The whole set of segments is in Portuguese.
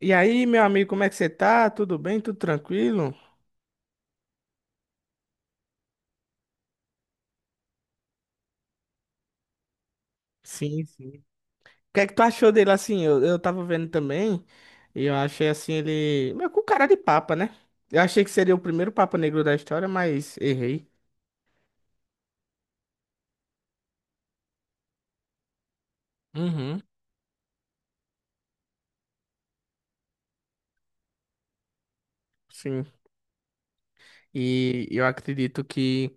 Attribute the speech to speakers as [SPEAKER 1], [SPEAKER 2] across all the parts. [SPEAKER 1] E aí, meu amigo, como é que você tá? Tudo bem? Tudo tranquilo? Sim, sim. O que é que tu achou dele assim? Eu tava vendo também e eu achei assim ele meio com cara de papa, né? Eu achei que seria o primeiro papa negro da história, mas errei. Uhum, sim. E eu acredito que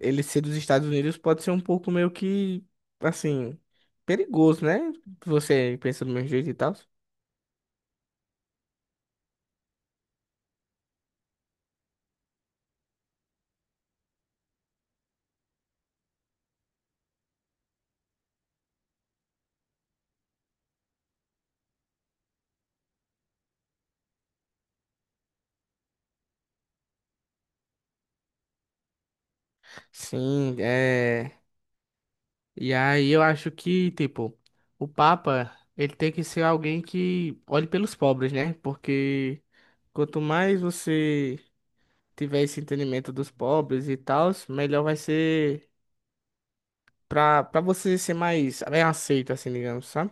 [SPEAKER 1] ele ser dos Estados Unidos pode ser um pouco meio que assim perigoso, né? Você pensa do meu jeito e tal. Sim, é. E aí eu acho que, tipo, o Papa, ele tem que ser alguém que olhe pelos pobres, né? Porque quanto mais você tiver esse entendimento dos pobres e tal, melhor vai ser pra você ser mais bem aceito, assim, digamos, sabe?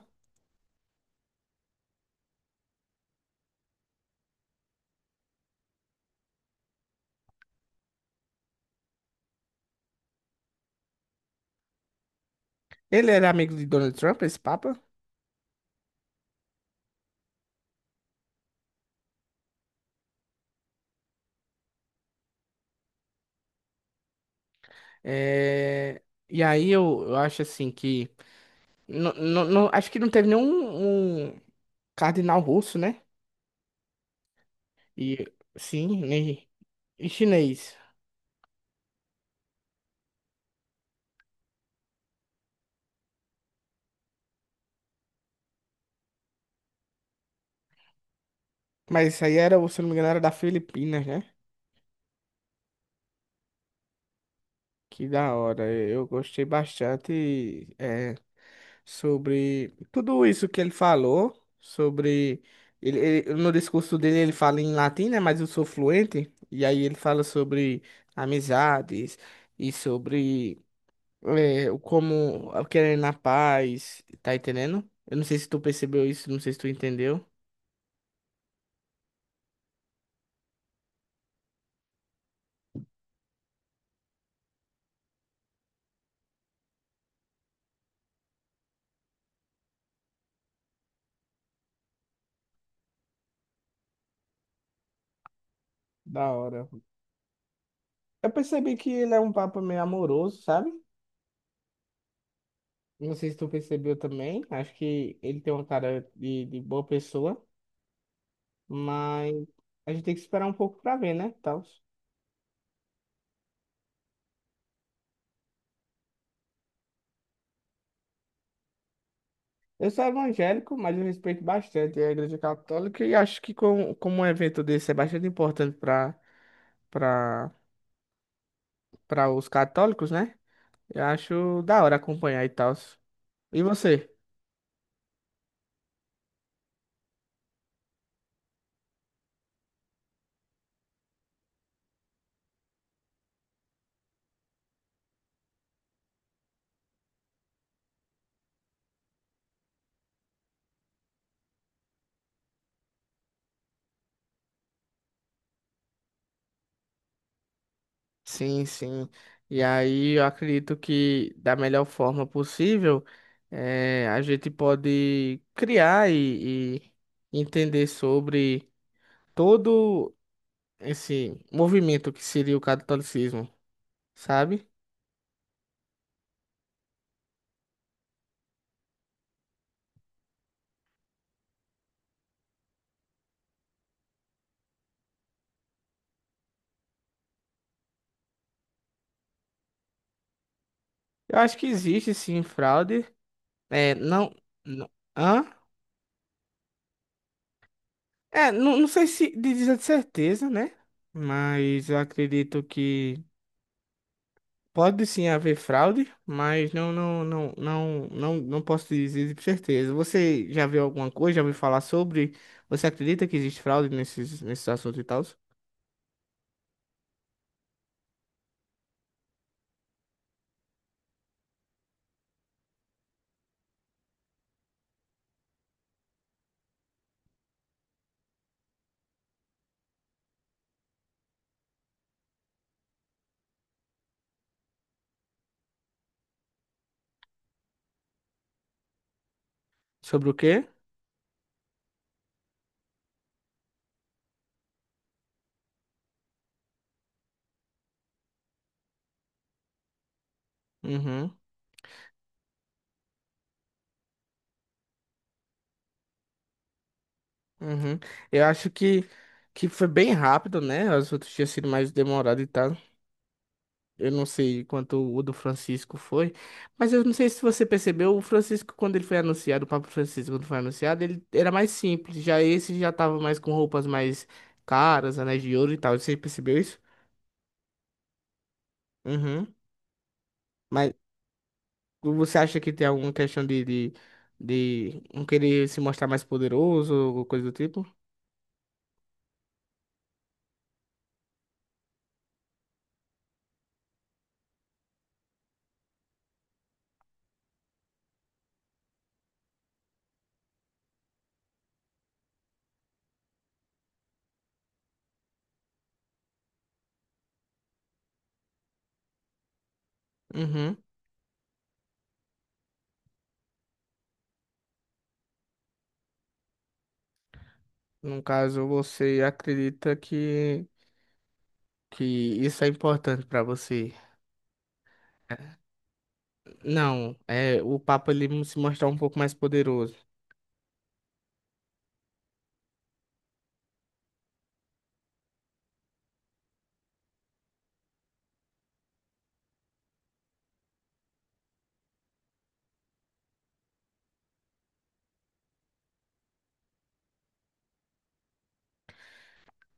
[SPEAKER 1] Ele era amigo de Donald Trump, esse Papa. É... E aí eu acho assim que. Não, não, acho que não teve nenhum um cardeal russo, né? E sim, nem e chinês. Mas isso aí era, se eu não me engano, era da Filipinas, né? Que da hora. Eu gostei bastante sobre tudo isso que ele falou, sobre. No discurso dele ele fala em latim, né? Mas eu sou fluente. E aí ele fala sobre amizades e sobre o como eu querer na paz, tá entendendo? Eu não sei se tu percebeu isso, não sei se tu entendeu. Da hora. Eu percebi que ele é um papo meio amoroso, sabe? Não sei se tu percebeu também. Acho que ele tem uma cara de, boa pessoa, mas a gente tem que esperar um pouco pra ver, né? Tal. Eu sou evangélico, mas eu respeito bastante a Igreja Católica e acho que com, como um evento desse é bastante importante para para os católicos, né? Eu acho da hora acompanhar e tal. E você? Sim, sim. E aí eu acredito que da melhor forma possível a gente pode criar e entender sobre todo esse movimento que seria o catolicismo, sabe? Eu acho que existe sim fraude. É, não, não. Hã? É, não, não sei se dizer de certeza, né? Mas eu acredito que. Pode sim haver fraude, mas não, não, não, não, não, não posso dizer com certeza. Você já viu alguma coisa? Já ouviu falar sobre? Você acredita que existe fraude nesses assuntos e tal? Sobre o quê? Uhum, uhum. Eu acho que foi bem rápido, né? As outras tinham sido mais demorado e tal. Eu não sei quanto o do Francisco foi, mas eu não sei se você percebeu, o Francisco, quando ele foi anunciado, o Papa Francisco, quando foi anunciado, ele era mais simples. Já esse já tava mais com roupas mais caras, anéis de ouro e tal. Você percebeu isso? Uhum. Mas você acha que tem alguma questão de não querer se mostrar mais poderoso ou coisa do tipo? Uhum. No caso, você acredita que isso é importante pra você? Não, é o Papa ele se mostrar um pouco mais poderoso.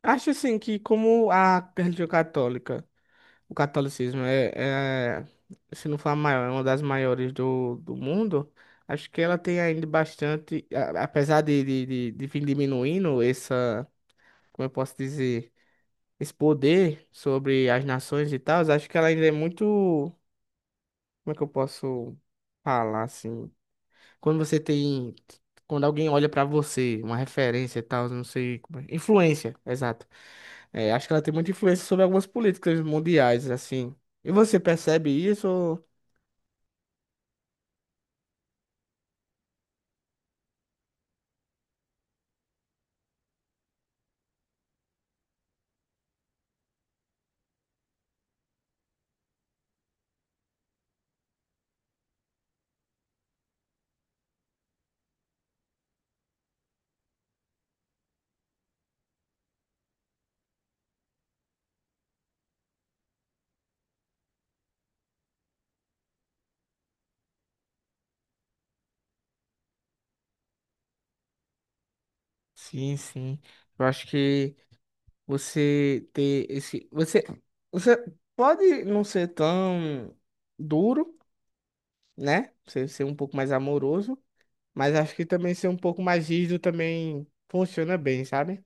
[SPEAKER 1] Acho assim que como a religião católica, o catolicismo é, se não for a maior, é uma das maiores do mundo, acho que ela tem ainda bastante, a- apesar de vir diminuindo essa, como eu posso dizer, esse poder sobre as nações e tal, acho que ela ainda é muito, como é que eu posso falar assim? Quando você tem. Quando alguém olha pra você, uma referência e tal, não sei como é. Influência, exato. É, acho que ela tem muita influência sobre algumas políticas mundiais, assim. E você percebe isso? ou- Sim, sim. Eu acho que você ter esse. Você pode não ser tão duro, né? Você ser um pouco mais amoroso, mas acho que também ser um pouco mais rígido também funciona bem, sabe?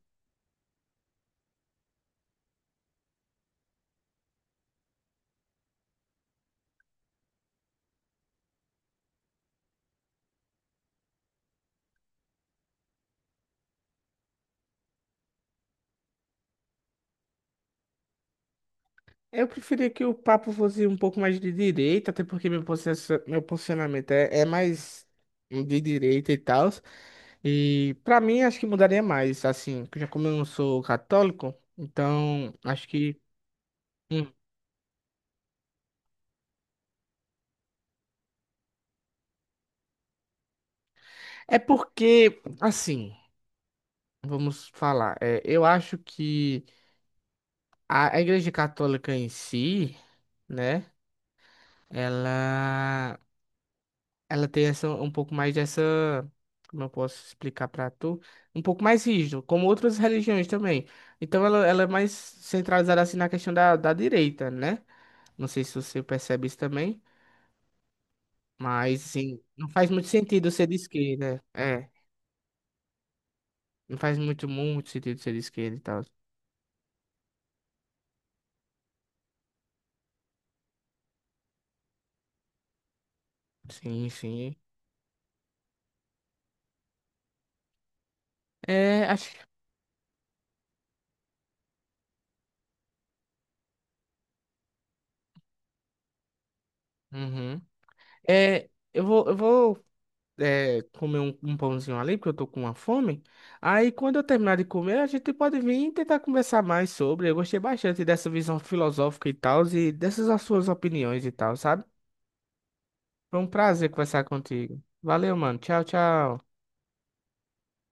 [SPEAKER 1] Eu preferia que o papo fosse um pouco mais de direita, até porque meu, posiciona- meu posicionamento é mais de direita e tal. E pra mim, acho que mudaria mais, assim, já como eu não sou católico, então acho que. Hum. É porque, assim, vamos falar, é, eu acho que a Igreja Católica em si, né, ela. Ela tem essa um pouco mais dessa, como eu posso explicar pra tu, um pouco mais rígido, como outras religiões também. Então ela é mais centralizada assim na questão da direita, né? Não sei se você percebe isso também, mas assim, não faz muito sentido ser de esquerda. É, não faz muito sentido ser de esquerda e tal. Sim, sim. É, acho. Uhum. É, eu vou comer um pãozinho ali, porque eu tô com uma fome. Aí, quando eu terminar de comer, a gente pode vir e tentar conversar mais sobre. Eu gostei bastante dessa visão filosófica e tal, e dessas as suas opiniões e tal, sabe? Foi um prazer conversar contigo. Valeu, mano. Tchau, tchau.